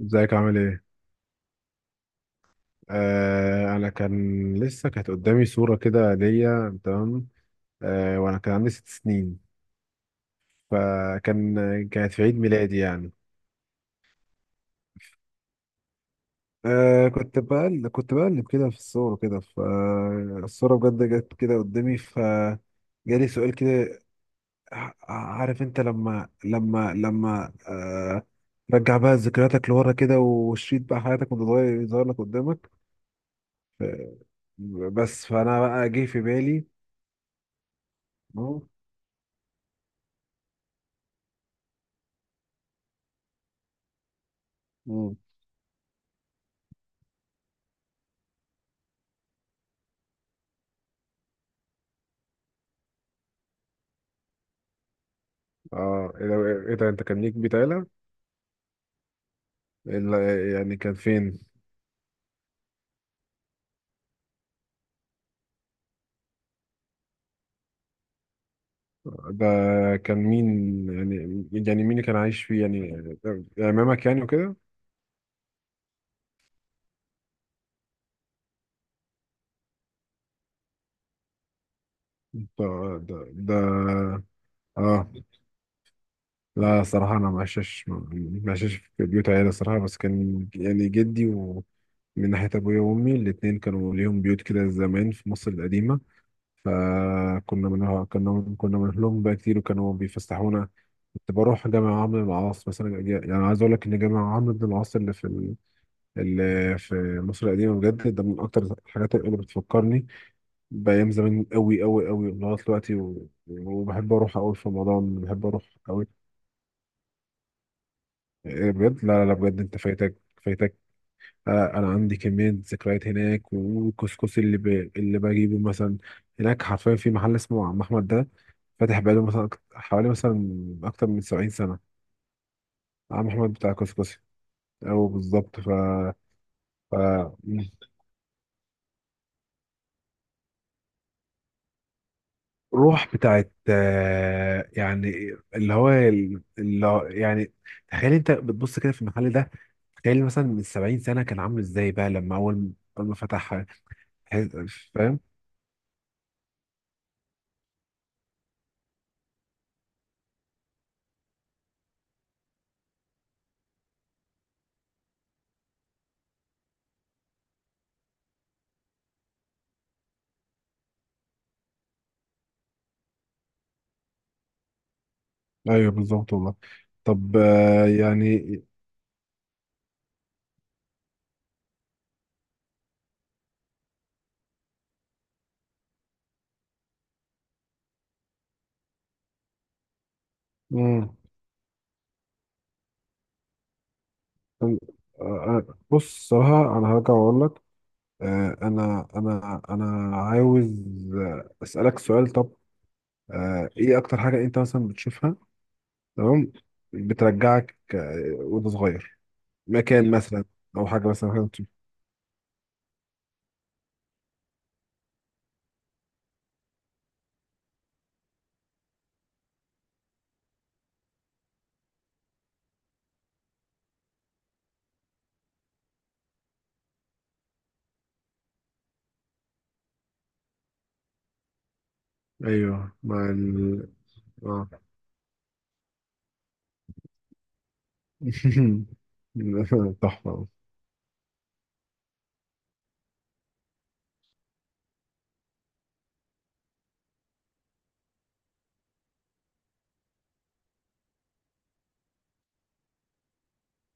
ازيك عامل ايه؟ انا كان لسه كانت قدامي صورة كده ليا تمام. وانا كان عندي ست سنين فكان كانت في عيد ميلادي يعني. كنت بقلب كنت بقلب كده في الصور كده فالصورة بجد جت كده قدامي فجالي سؤال كده. عارف انت لما رجع بقى ذكرياتك لورا كده وشريط بقى حياتك وانت صغير يظهر لك قدامك. ف- بس فانا بقى جه في بالي. أهو. اه ايه ده، إيه ده، انت كان ليك بيت عيلة؟ يعني كان فين؟ ده كان مين يعني، يعني مين اللي كان عايش فيه يعني، عمامك يعني وكده؟ ده ده ده اه، لا صراحة انا ما عشتش في بيوت عيلة صراحة، بس كان يعني جدي ومن ناحية ابويا وامي الاتنين كانوا ليهم بيوت كده زمان في مصر القديمة. فكنا منها كنا بنروح لهم بقى كتير وكانوا بيفسحونا. كنت بروح جامع عمرو بن العاص مثلا، يعني عايز اقول لك ان جامع عمرو بن العاص اللي في اللي في مصر القديمه بجد، ده من اكتر الحاجات اللي بتفكرني بايام زمان قوي قوي قوي لغايه دلوقتي، وبحب اروح قوي في رمضان، بحب اروح قوي. إيه بجد؟ لا لا لا، بجد انت فايتك، فايتك. انا عندي كميه ذكريات هناك، والكسكسي اللي ب... اللي بجيبه مثلا هناك حرفيا في محل اسمه عم احمد ده، فاتح بقاله مثلا حوالي مثلا اكتر من 70 سنه. عم احمد بتاع كسكسي، أو بالظبط ف... ف... روح بتاعت يعني اللي هو يعني تخيل انت بتبص كده في المحل ده، تخيل مثلا من 70 سنة كان عامل ازاي بقى لما اول، اول ما فتح. تحس- فاهم؟ ايوه بالظبط والله. طب يعني امم، آه، بص صراحة انا هرجع واقول لك. انا عاوز اسألك سؤال. طب ايه اكتر حاجة انت مثلا بتشوفها؟ تمام. بترجعك وانت صغير، مكان مثلا او حاجه مثلا ايوه. مع ال، اه. تحفه.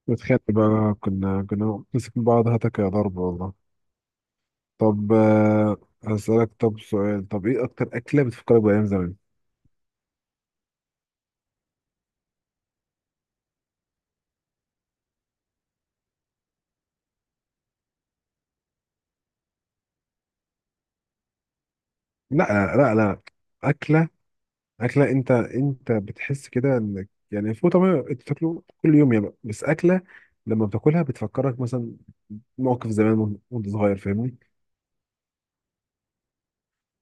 بتخيل بقى كنا نمسك من بعض هتك يا ضرب والله. طب هسألك طب سؤال. طب ايه اكتر اكله بتفكرك بايام زمان؟ لا، لا، لا، لا. اكله، اكله، انت بتحس كده انك يعني الفول طبعا انت بتاكله كل يوم يا بقى، بس اكله لما بتاكلها بتفكرك مثلا موقف زمان وانت وأنت صغير، فاهمني؟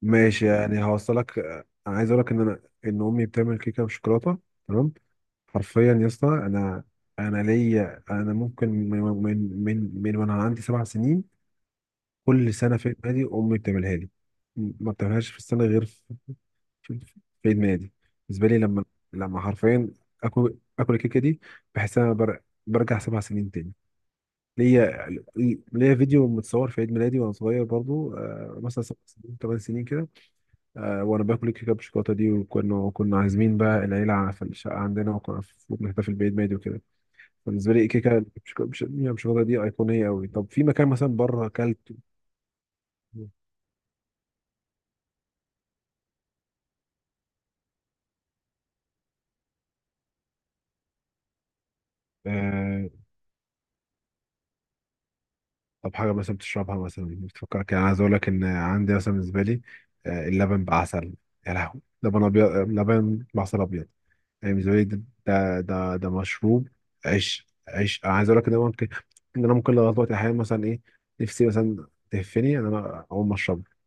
ماشي يعني هوصلك. انا عايز اقول لك ان انا، ان امي بتعمل كيكه بالشوكولاته تمام. حرفيا يا اسطى انا، انا ليا انا ممكن من وانا عندي سبع سنين، كل سنه في العيد امي بتعملها لي. ما بتعملهاش في السنه غير في ادماني دي. بالنسبه لي لما، لما حرفيا اكل الكيكه دي، بحس ان انا بر... برجع سبع سنين تاني. ليا، ليا فيديو متصور في عيد ميلادي وانا صغير برضو آه، مثلا سبع سنين، ثمان سنين كده. وانا باكل الكيكه بالشوكولاته دي، وكنا عازمين بقى العيله في الشقه عندنا، وكنا في- بنحتفل بعيد ميلادي وكده. بالنسبه لي الكيكه بالشوكولاته دي ايقونيه قوي. طب في مكان مثلا بره اكلت؟ طب حاجة مثلا بتشربها مثلا بتفكرك؟ يعني عايز أقول لك إن عندي مثلا بالنسبة لي اللبن بعسل. يا لهوي، لبن أبيض، لبن بعسل أبيض. يعني بالنسبة لي ده، ده ده مشروب. عيش، عيش أنا عايز أقول لك إن أنا ممكن، إن أنا ممكن لغاية دلوقتي أحيانا مثلا إيه، نفسي مثلا تهفني إن أنا أقوم أشربه،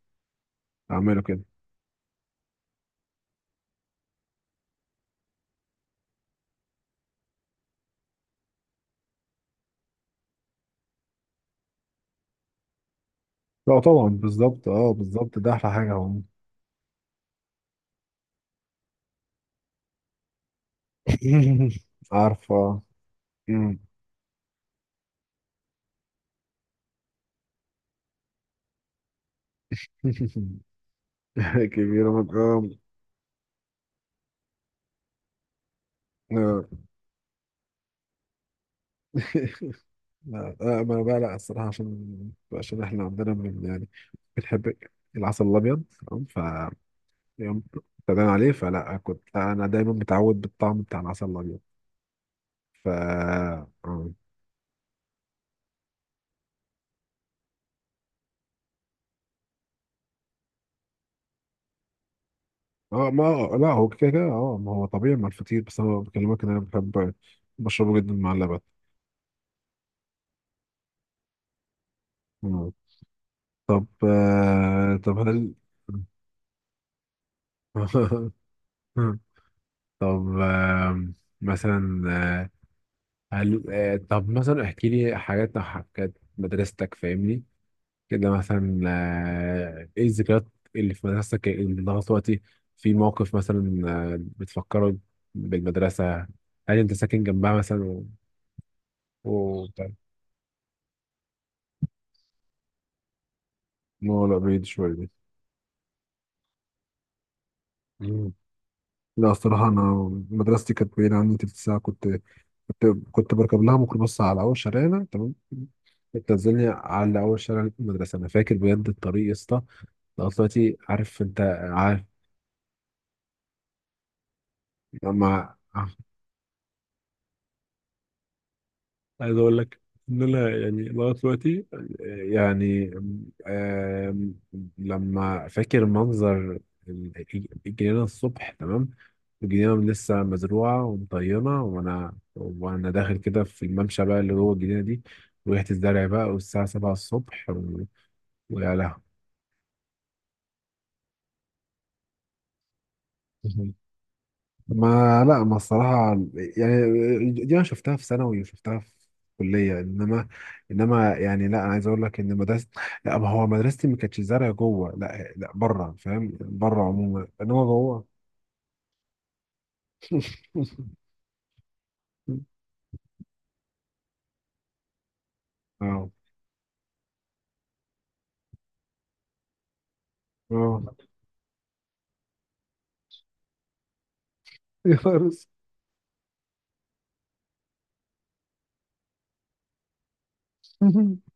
أعمله كده. لا طبعا، بالظبط، أه بالظبط، ده أحلى حاجة هو. عارفة. مم. كبيرة من، آه. آه. لا ما بقى لا الصراحة، عشان عشان احنا عندنا من يعني بنحب العسل الأبيض تمام. ف يوم ابتدينا عليه فلا كنت أنا دايما متعود بالطعم بتاع العسل الأبيض. ف اه ما، لا هو كده كده اه، ما هو طبيعي مع الفطير، بس أنا بكلمك إن أنا بحب بشربه جدا مع اللبن. مم. طب آه طب هل طب مثلا هل... آه طب مثلا احكي لي حاجات أو حاجات مدرستك، فاهمني؟ كده مثلا ايه الذكريات اللي في مدرستك اللي لغايه دلوقتي في موقف مثلا بتفكره بالمدرسة؟ هل انت ساكن جنبها مثلا و... و... لا لا بعيد شوية دي. مم. لا الصراحة أنا مدرستي كانت بعيدة عني تلت ساعة، كنت كنت بركب لها ميكروباص على أول شارعنا تمام، بتنزلني على أول شارع المدرسة. أنا فاكر بجد الطريق يا اسطى، لغاية دلوقتي عارف انت. عارف، مع، عايز اقول لك ان انا يعني لغاية دلوقتي يعني آم، لما فاكر منظر الجنينة الصبح، تمام، الجنينة لسه مزروعة ومطينة، وانا داخل كده في الممشى بقى اللي جوه الجنينة دي وريحة الزرع بقى، والساعة 7 الصبح، ويا لهوي. ما، لا ما الصراحة، يعني دي أنا شفتها في ثانوي وشفتها في كلية إنما، إنما يعني لا أنا عايز أقول لك إن مدرسة، لا ما هو مدرستي ما كانتش زرع جوه، لا لا بره، فاهم؟ بره عموما، إنما جوه. أه، أه. يا فارس.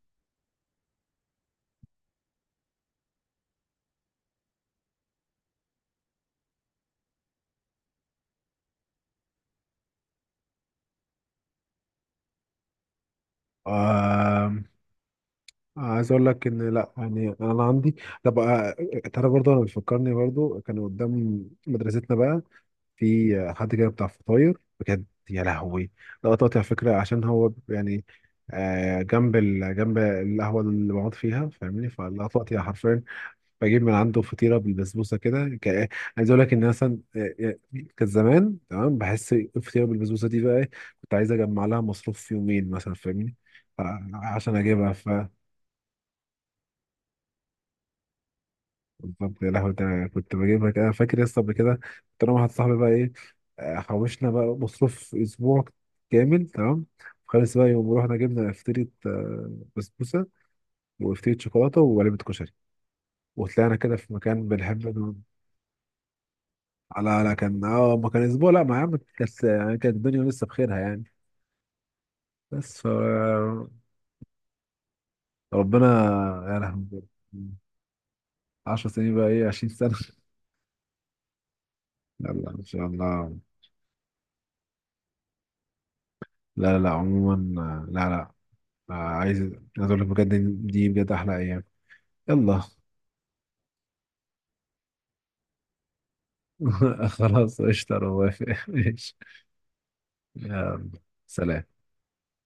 آم، عايز أقول لك إن لا يعني أنا عندي، طب ترى برضه أنا بيفكرني برضه كان قدام مدرستنا بقى في حد كده بتاع فطاير بجد. يا لهوي، ده قطعت على فكره، عشان هو يعني جنب ال... جنب القهوه اللي بقعد فيها فاهمني، فالقطعت يعني حرفيا بجيب من عنده فطيره بالبسبوسه كده ك... عايز اقول لك ان مثلا كان زمان تمام. بحس الفطيره بالبسبوسه دي بقى إيه، كنت عايز اجمع لها مصروف في يومين مثلا فاهمني. ف- عشان اجيبها، بالظبط. يا لهوي، ده أنا كنت بجيبها كده فاكر يا اسطى. قبل كده كنت انا واحد صاحبي بقى ايه، حوشنا بقى مصروف اسبوع كامل تمام خالص بقى، يوم رحنا جبنا فطيرة بسبوسة وفطيرة شوكولاتة وعلبة كشري وطلعنا كده في مكان بنحب نقعد- على لا كان اه، ما كان اسبوع لا، ما يا عم كانت يعني كانت الدنيا لسه بخيرها يعني. بس ف ربنا. يا لهوي، 10 سنين بقى ايه، 20 سنة لا لا ان شاء الله، لا لا لا عموما لا لا، عايز اقول لك بجد إن دي بجد احلى ايام. يلا خلاص قشطة، انا موافق. ماشي، يلا، سلام.